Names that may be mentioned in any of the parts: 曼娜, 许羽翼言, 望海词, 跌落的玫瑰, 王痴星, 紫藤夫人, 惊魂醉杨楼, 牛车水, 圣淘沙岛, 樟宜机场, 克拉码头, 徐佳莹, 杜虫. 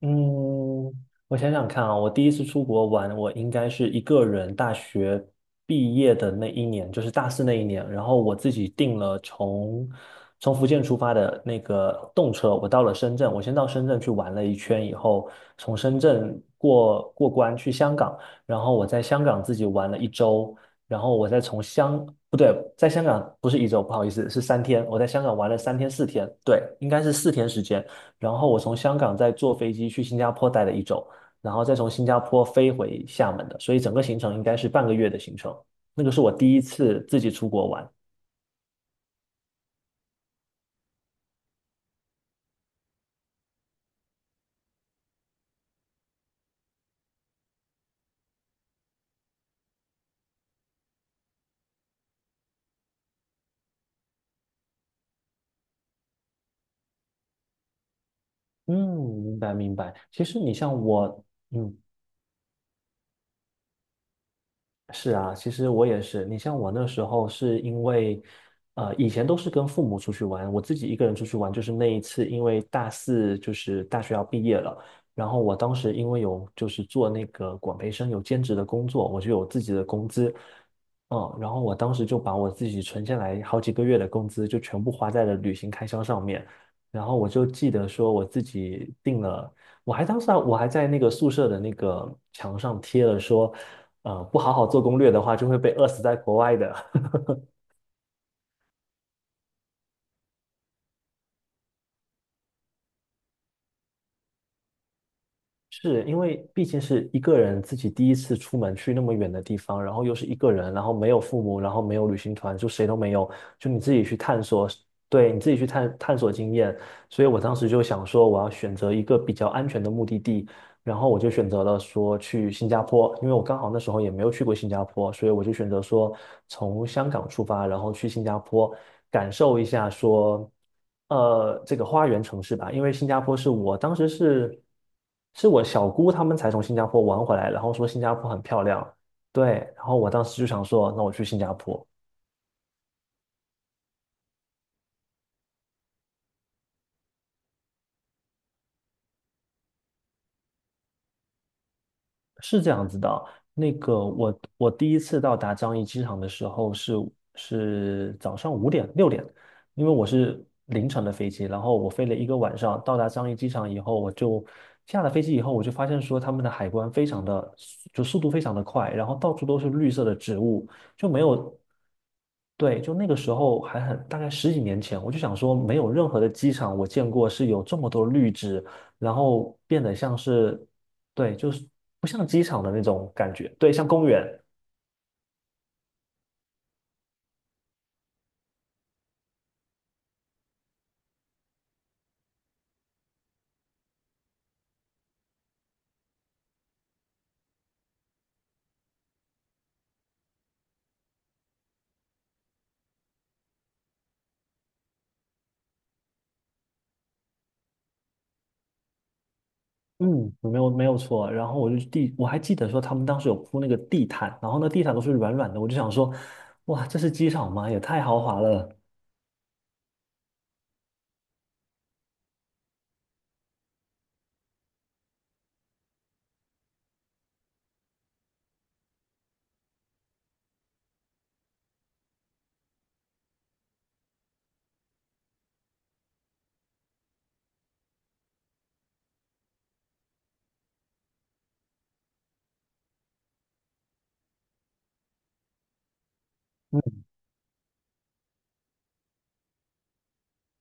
嗯，我想想看啊，我第一次出国玩，我应该是一个人大学毕业的那一年，就是大四那一年，然后我自己订了从福建出发的那个动车，我到了深圳，我先到深圳去玩了一圈以后，从深圳过关去香港，然后我在香港自己玩了一周，然后我再从香，不对，在香港不是一周，不好意思，是三天，我在香港玩了三天四天，对，应该是四天时间。然后我从香港再坐飞机去新加坡待了一周，然后再从新加坡飞回厦门的，所以整个行程应该是半个月的行程。那个是我第一次自己出国玩。嗯，明白明白。其实你像我，嗯，是啊，其实我也是。你像我那时候是因为，以前都是跟父母出去玩，我自己一个人出去玩，就是那一次，因为大四就是大学要毕业了，然后我当时因为有就是做那个管培生有兼职的工作，我就有自己的工资，然后我当时就把我自己存下来好几个月的工资就全部花在了旅行开销上面，然后我就记得说我自己订了。我还当时啊我还在那个宿舍的那个墙上贴了说，不好好做攻略的话，就会被饿死在国外的。是因为毕竟是一个人自己第一次出门去那么远的地方，然后又是一个人，然后没有父母，然后没有旅行团，就谁都没有，就你自己去探索，对，你自己去探索经验。所以我当时就想说，我要选择一个比较安全的目的地，然后我就选择了说去新加坡，因为我刚好那时候也没有去过新加坡，所以我就选择说从香港出发，然后去新加坡感受一下说，这个花园城市吧。因为新加坡是我当时是我小姑他们才从新加坡玩回来，然后说新加坡很漂亮，对，然后我当时就想说，那我去新加坡。是这样子的，那个我第一次到达樟宜机场的时候是早上五点六点，因为我是凌晨的飞机，然后我飞了一个晚上，到达樟宜机场以后，我就下了飞机以后，我就发现说他们的海关非常的就速度非常的快，然后到处都是绿色的植物，就没有对，就那个时候还很，大概十几年前，我就想说，没有任何的机场我见过是有这么多绿植，然后变得像是，对，就是不像机场的那种感觉，对，像公园，嗯，没有没有错。然后我就地，我还记得说他们当时有铺那个地毯，然后那地毯都是软软的，我就想说，哇，这是机场吗？也太豪华了。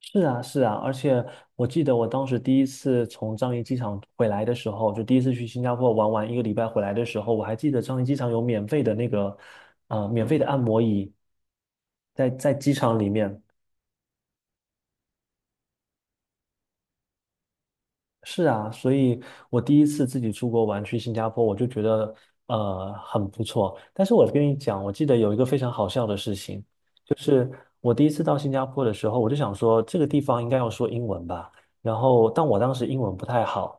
是啊，是啊，而且我记得我当时第一次从樟宜机场回来的时候，就第一次去新加坡玩完一个礼拜回来的时候，我还记得樟宜机场有免费的那个，免费的按摩椅，在机场里面。是啊，所以我第一次自己出国玩去新加坡，我就觉得很不错。但是我跟你讲，我记得有一个非常好笑的事情，我第一次到新加坡的时候，我就想说这个地方应该要说英文吧，然后但我当时英文不太好。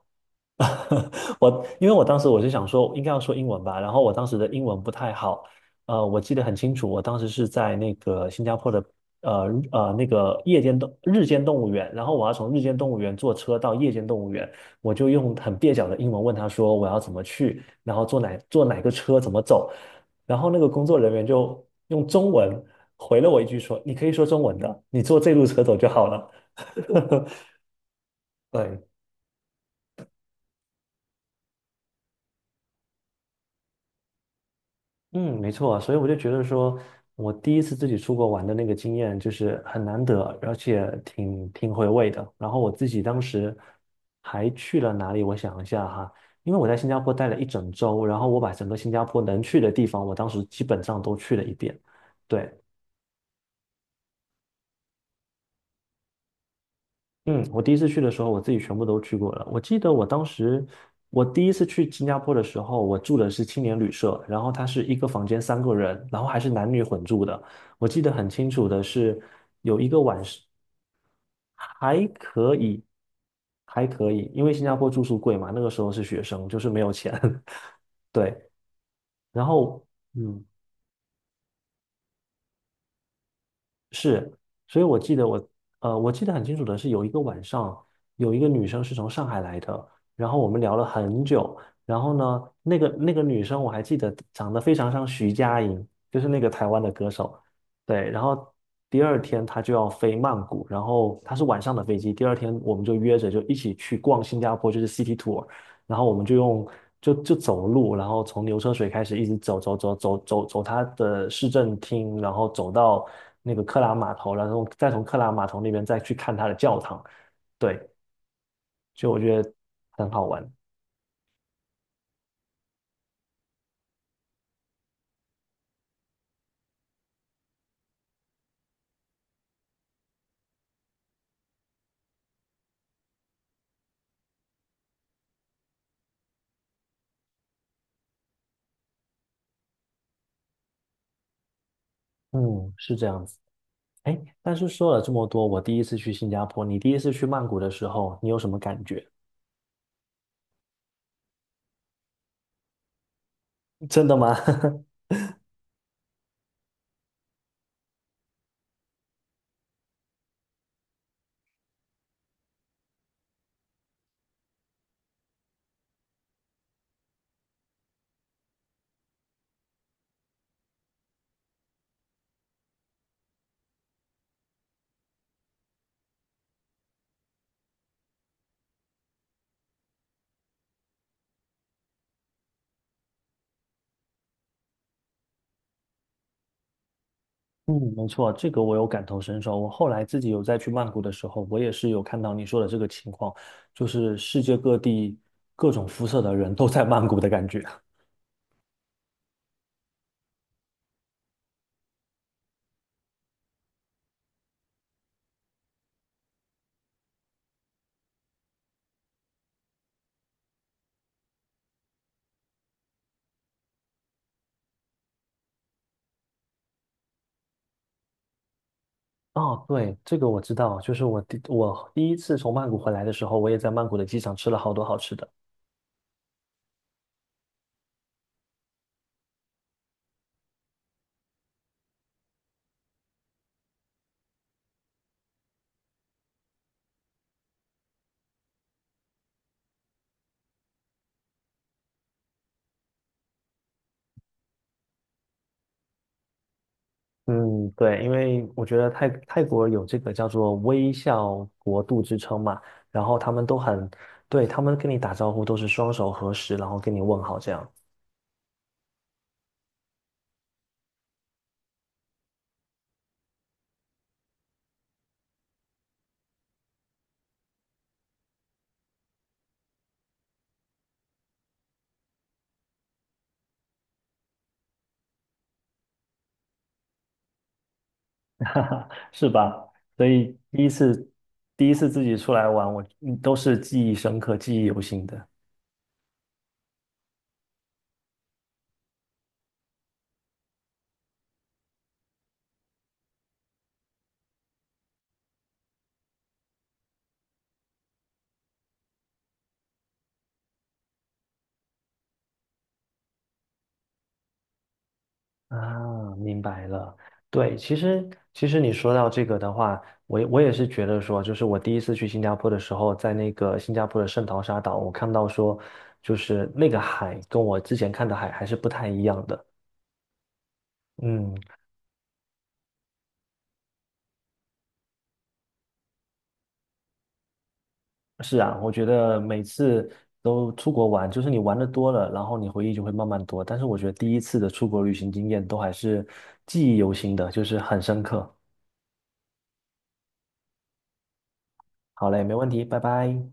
我因为我当时我是想说应该要说英文吧，然后我当时的英文不太好，我记得很清楚，我当时是在那个新加坡的呃那个夜间动日间动物园，然后我要从日间动物园坐车到夜间动物园，我就用很蹩脚的英文问他说我要怎么去，然后坐哪个车怎么走，然后那个工作人员就用中文回了我一句说你可以说中文的，你坐这路车走就好了，对。嗯，没错啊，所以我就觉得说，我第一次自己出国玩的那个经验就是很难得，而且挺回味的。然后我自己当时还去了哪里？我想一下哈，因为我在新加坡待了一整周，然后我把整个新加坡能去的地方，我当时基本上都去了一遍。对，嗯，我第一次去的时候，我自己全部都去过了。我记得我当时，我第一次去新加坡的时候，我住的是青年旅社，然后它是一个房间三个人，然后还是男女混住的。我记得很清楚的是，有一个晚上还可以，还可以，因为新加坡住宿贵嘛，那个时候是学生，就是没有钱。对，然后嗯，是，所以我记得我，我记得很清楚的是，有一个晚上，有一个女生是从上海来的，然后我们聊了很久，然后呢，那个女生我还记得长得非常像徐佳莹，就是那个台湾的歌手，对，然后第二天她就要飞曼谷，然后她是晚上的飞机，第二天我们就约着就一起去逛新加坡，就是 City Tour，然后我们就用就就走路，然后从牛车水开始一直走走走走走走他的市政厅，然后走到那个克拉码头，然后再从克拉码头那边再去看他的教堂。对，就我觉得很好玩。嗯，是这样子。哎，但是说了这么多，我第一次去新加坡，你第一次去曼谷的时候，你有什么感觉？真的吗？嗯，没错，这个我有感同身受。我后来自己有再去曼谷的时候，我也是有看到你说的这个情况，就是世界各地各种肤色的人都在曼谷的感觉。哦，对，这个我知道，就是我第一次从曼谷回来的时候，我也在曼谷的机场吃了好多好吃的。嗯，对，因为我觉得泰国有这个叫做微笑国度之称嘛，然后他们都很，对，他们跟你打招呼都是双手合十，然后跟你问好这样。哈哈，是吧？所以第一次自己出来玩，我都是记忆深刻、记忆犹新的。啊，明白了。对，其实你说到这个的话，我也是觉得说，就是我第一次去新加坡的时候，在那个新加坡的圣淘沙岛，我看到说，就是那个海跟我之前看的海还是不太一样的。嗯，是啊，我觉得每次都出国玩，就是你玩的多了，然后你回忆就会慢慢多。但是我觉得第一次的出国旅行经验都还是记忆犹新的，就是很深刻。好嘞，没问题，拜拜。